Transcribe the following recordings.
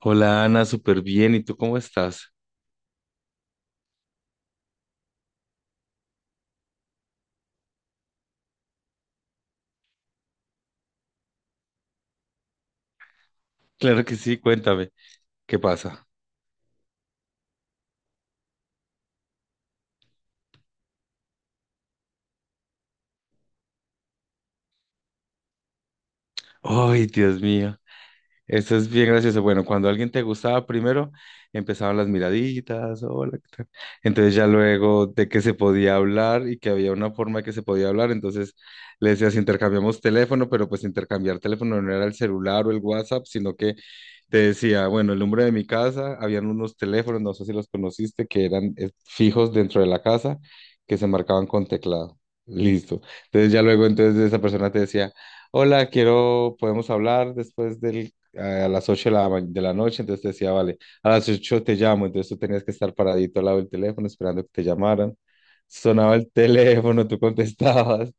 Hola Ana, súper bien. ¿Y tú cómo estás? Claro que sí, cuéntame, ¿qué pasa? Ay, Dios mío. Eso es bien gracioso. Bueno, cuando alguien te gustaba primero, empezaban las miraditas, hola, ¿qué tal? Entonces ya luego de que se podía hablar y que había una forma que se podía hablar, entonces le decías, intercambiamos teléfono, pero pues intercambiar teléfono no era el celular o el WhatsApp, sino que te decía, bueno, el número de mi casa, habían unos teléfonos, no sé si los conociste, que eran fijos dentro de la casa, que se marcaban con teclado. Listo. Entonces ya luego entonces esa persona te decía, hola, quiero, podemos hablar después del a las 8 de la, de la noche, entonces te decía, vale, a las 8 te llamo, entonces tú tenías que estar paradito al lado del teléfono esperando que te llamaran. Sonaba el teléfono, tú contestabas,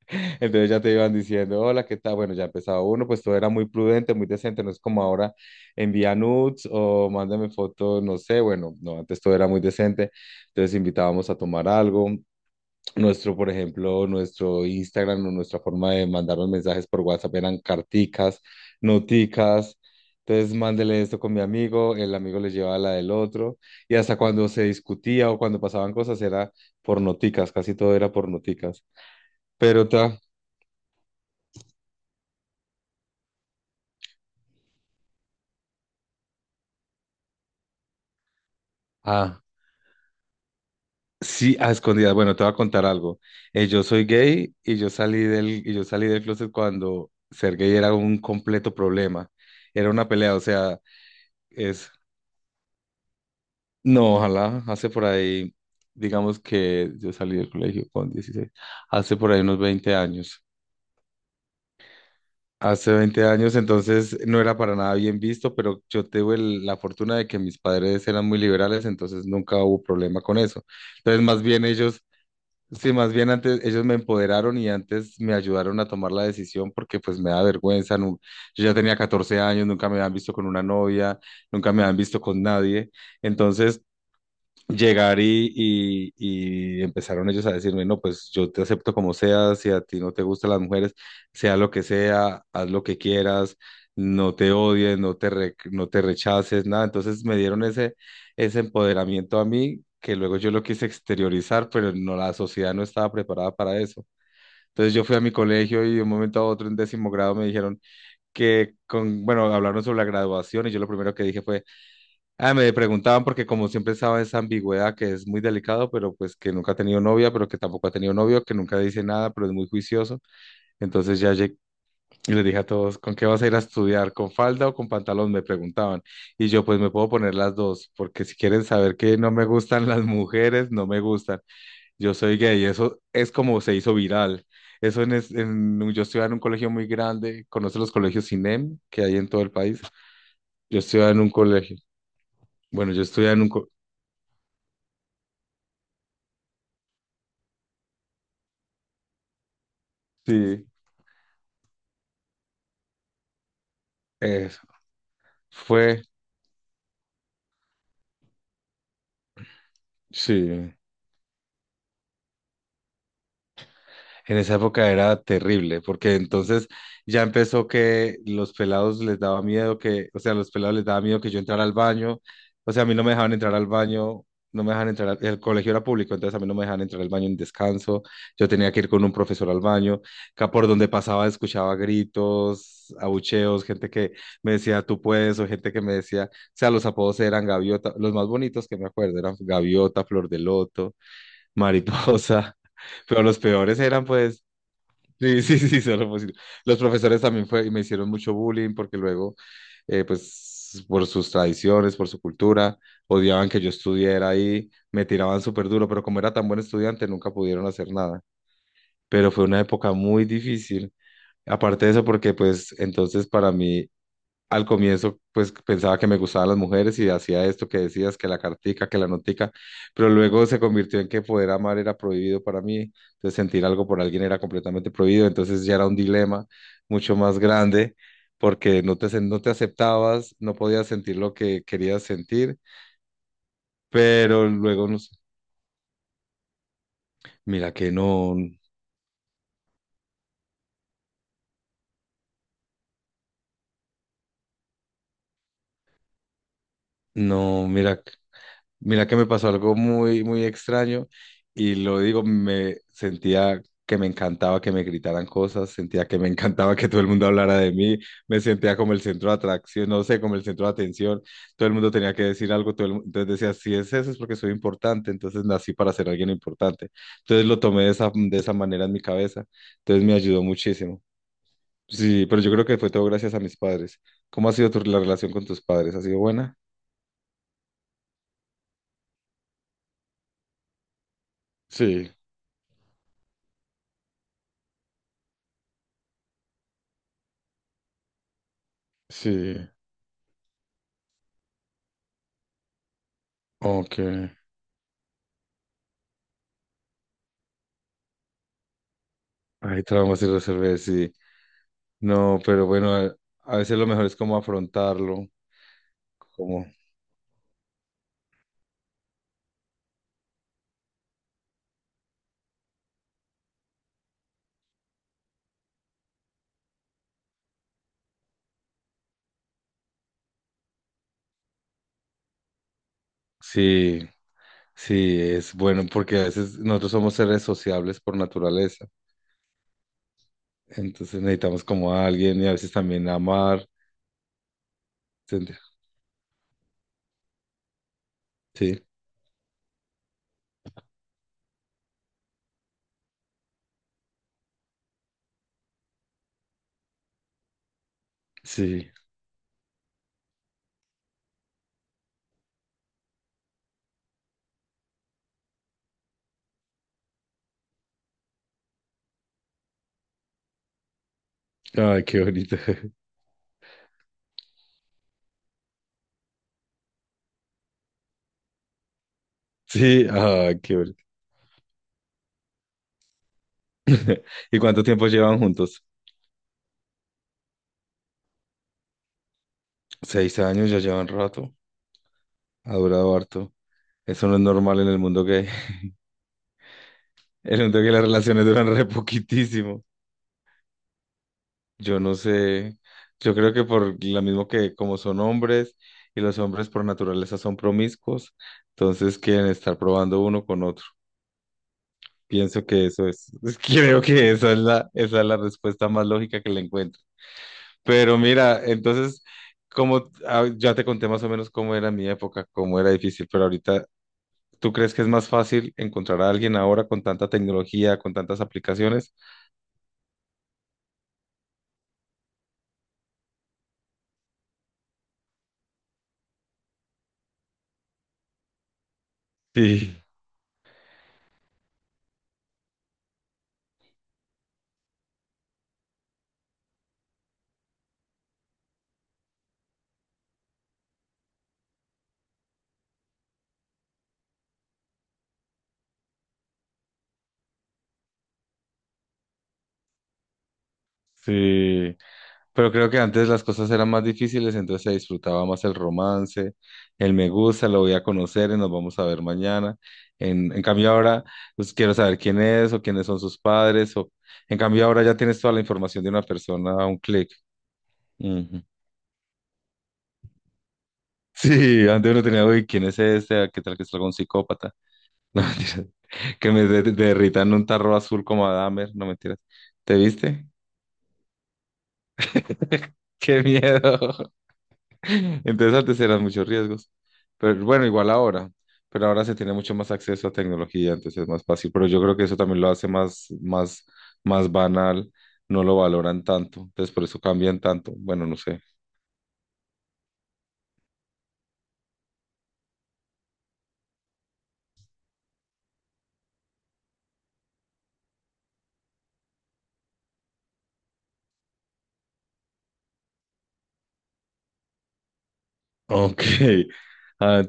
entonces ya te iban diciendo, hola, ¿qué tal? Bueno, ya empezaba uno, pues todo era muy prudente, muy decente, no es como ahora envía nudes o mándame fotos, no sé, bueno, no, antes todo era muy decente, entonces invitábamos a tomar algo, nuestro, por ejemplo, nuestro Instagram o nuestra forma de mandarnos mensajes por WhatsApp eran carticas, noticas. Entonces, mándele esto con mi amigo, el amigo le llevaba la del otro. Y hasta cuando se discutía o cuando pasaban cosas era por noticas, casi todo era por noticas. Pero Ah, sí, a escondidas. Bueno, te voy a contar algo. Yo soy gay y y yo salí del closet cuando ser gay era un completo problema. Era una pelea, o sea... Es No, ojalá. Hace por ahí, digamos que yo salí del colegio con 16. Hace por ahí unos 20 años. Hace 20 años, entonces no era para nada bien visto, pero yo tuve la fortuna de que mis padres eran muy liberales, entonces nunca hubo problema con eso. Entonces, más bien ellos, sí, más bien antes ellos me empoderaron y antes me ayudaron a tomar la decisión porque pues me da vergüenza. Yo ya tenía 14 años, nunca me habían visto con una novia, nunca me habían visto con nadie. Entonces... llegar y empezaron ellos a decirme, no, pues yo te acepto como seas, si a ti no te gustan las mujeres, sea lo que sea, haz lo que quieras, no te odies, no te rechaces, nada. Entonces me dieron ese empoderamiento a mí, que luego yo lo quise exteriorizar, pero no, la sociedad no estaba preparada para eso. Entonces yo fui a mi colegio y de un momento a otro en décimo grado me dijeron bueno, hablaron sobre la graduación y yo lo primero que dije fue, Ah, me preguntaban porque como siempre estaba esa ambigüedad que es muy delicado, pero pues que nunca ha tenido novia, pero que tampoco ha tenido novio, que nunca dice nada, pero es muy juicioso. Entonces ya llegué y les dije a todos, ¿con qué vas a ir a estudiar? ¿Con falda o con pantalón? Me preguntaban. Y yo pues me puedo poner las dos, porque si quieren saber que no me gustan las mujeres, no me gustan. Yo soy gay, eso es como se hizo viral. Eso en, es- en un- Yo estudiaba en un colegio muy grande, conoce los colegios CINEM que hay en todo el país. Yo estudiaba en un colegio. Bueno, yo estudiaba en un colegio. Eh, Fue, sí, en esa época era terrible, porque entonces ya empezó que los pelados les daba miedo que, o sea, los pelados les daba miedo que yo entrara al baño, o sea, a mí no me dejaban entrar al baño, no me dejaban entrar, el colegio era público, entonces a mí no me dejaban entrar al baño en descanso, yo tenía que ir con un profesor al baño, que por donde pasaba escuchaba gritos, abucheos, gente que me decía tú puedes, o gente que me decía, o sea, los apodos eran gaviota, los más bonitos que me acuerdo eran gaviota, flor de loto. Mariposa. Pero los peores eran, pues, sí, sí, sí, Los profesores también fue, y me hicieron mucho bullying porque luego, pues, por sus tradiciones, por su cultura, odiaban que yo estudiara ahí, me tiraban súper duro, pero como era tan buen estudiante, nunca pudieron hacer nada. Pero fue una época muy difícil. Aparte de eso, porque pues entonces para mí al comienzo, pues pensaba que me gustaban las mujeres y hacía esto que decías, que la cartica, que la notica, pero luego se convirtió en que poder amar era prohibido para mí, entonces sentir algo por alguien era completamente prohibido, entonces ya era un dilema mucho más grande porque no te aceptabas, no podías sentir lo que querías sentir, pero luego, no sé, mira que no, no, mira. Mira que me pasó algo muy, muy extraño y lo digo, me sentía que me encantaba que me gritaran cosas, sentía que me encantaba que todo el mundo hablara de mí, me sentía como el centro de atracción, no sé, como el centro de atención, todo el mundo tenía que decir algo, entonces decía, si es eso es porque soy importante, entonces nací para ser alguien importante. Entonces lo tomé de esa manera en mi cabeza, entonces me ayudó muchísimo. Sí, pero yo creo que fue todo gracias a mis padres. ¿Cómo ha sido la relación con tus padres? ¿Ha sido buena? Sí, sí. Ok. Hay traumas sin resolver, sí. No, pero bueno, a veces lo mejor es como afrontarlo, como sí, sí, es bueno, porque a veces nosotros somos seres sociables por naturaleza, entonces necesitamos como a alguien y a veces también amar, ¿entendés? Sí, sí. Ay, qué bonito. Sí, ay, qué bonito. ¿Y cuánto tiempo llevan juntos? 6 años, ya llevan rato, ha durado harto. Eso no es normal en el mundo gay. En el mundo que las relaciones duran re poquitísimo. Yo no sé, yo creo que por lo mismo que como son hombres y los hombres por naturaleza son promiscuos, entonces quieren estar probando uno con otro. Pienso que eso es, creo que esa es esa es la respuesta más lógica que le encuentro. Pero mira, entonces, ya te conté más o menos cómo era mi época, cómo era difícil, pero ahorita, ¿tú crees que es más fácil encontrar a alguien ahora con tanta tecnología, con tantas aplicaciones? Sí, sí. Pero creo que antes las cosas eran más difíciles, entonces se disfrutaba más el romance, el me gusta, lo voy a conocer y nos vamos a ver mañana. En cambio ahora, pues quiero saber quién es o quiénes son sus padres. O, en cambio ahora ya tienes toda la información de una persona a un clic. Ujú. Sí, antes uno tenía, uy, ¿quién es este? Ah, ¿qué tal que es algún psicópata? No, mentiras. Que me derrita en un tarro azul como a Dahmer, no mentiras. ¿Te viste? ¡Qué miedo! Entonces antes eran muchos riesgos, pero bueno, igual ahora, pero ahora se tiene mucho más acceso a tecnología, entonces es más fácil, pero yo creo que eso también lo hace más banal, no lo valoran tanto, entonces por eso cambian tanto, bueno, no sé. Ok, ah,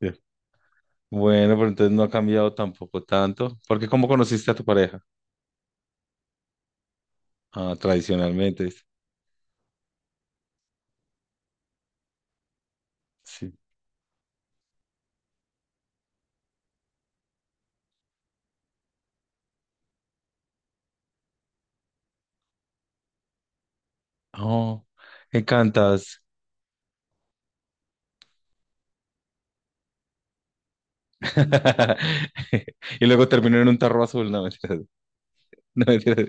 ya. Bueno, pero entonces no ha cambiado tampoco tanto, porque ¿cómo conociste a tu pareja? Ah, tradicionalmente, sí. Oh, me encantas. Y luego terminó en un tarro azul, no mentiras, no mentiras.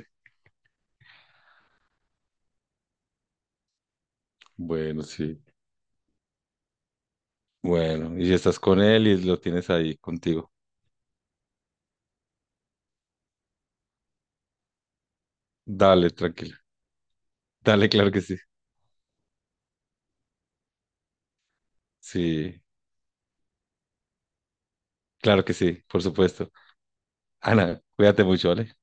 Bueno, sí. Bueno, y si estás con él y lo tienes ahí contigo. Dale, tranquila. Dale, claro que sí. Sí, claro que sí, por supuesto. Ana, cuídate mucho, ¿vale?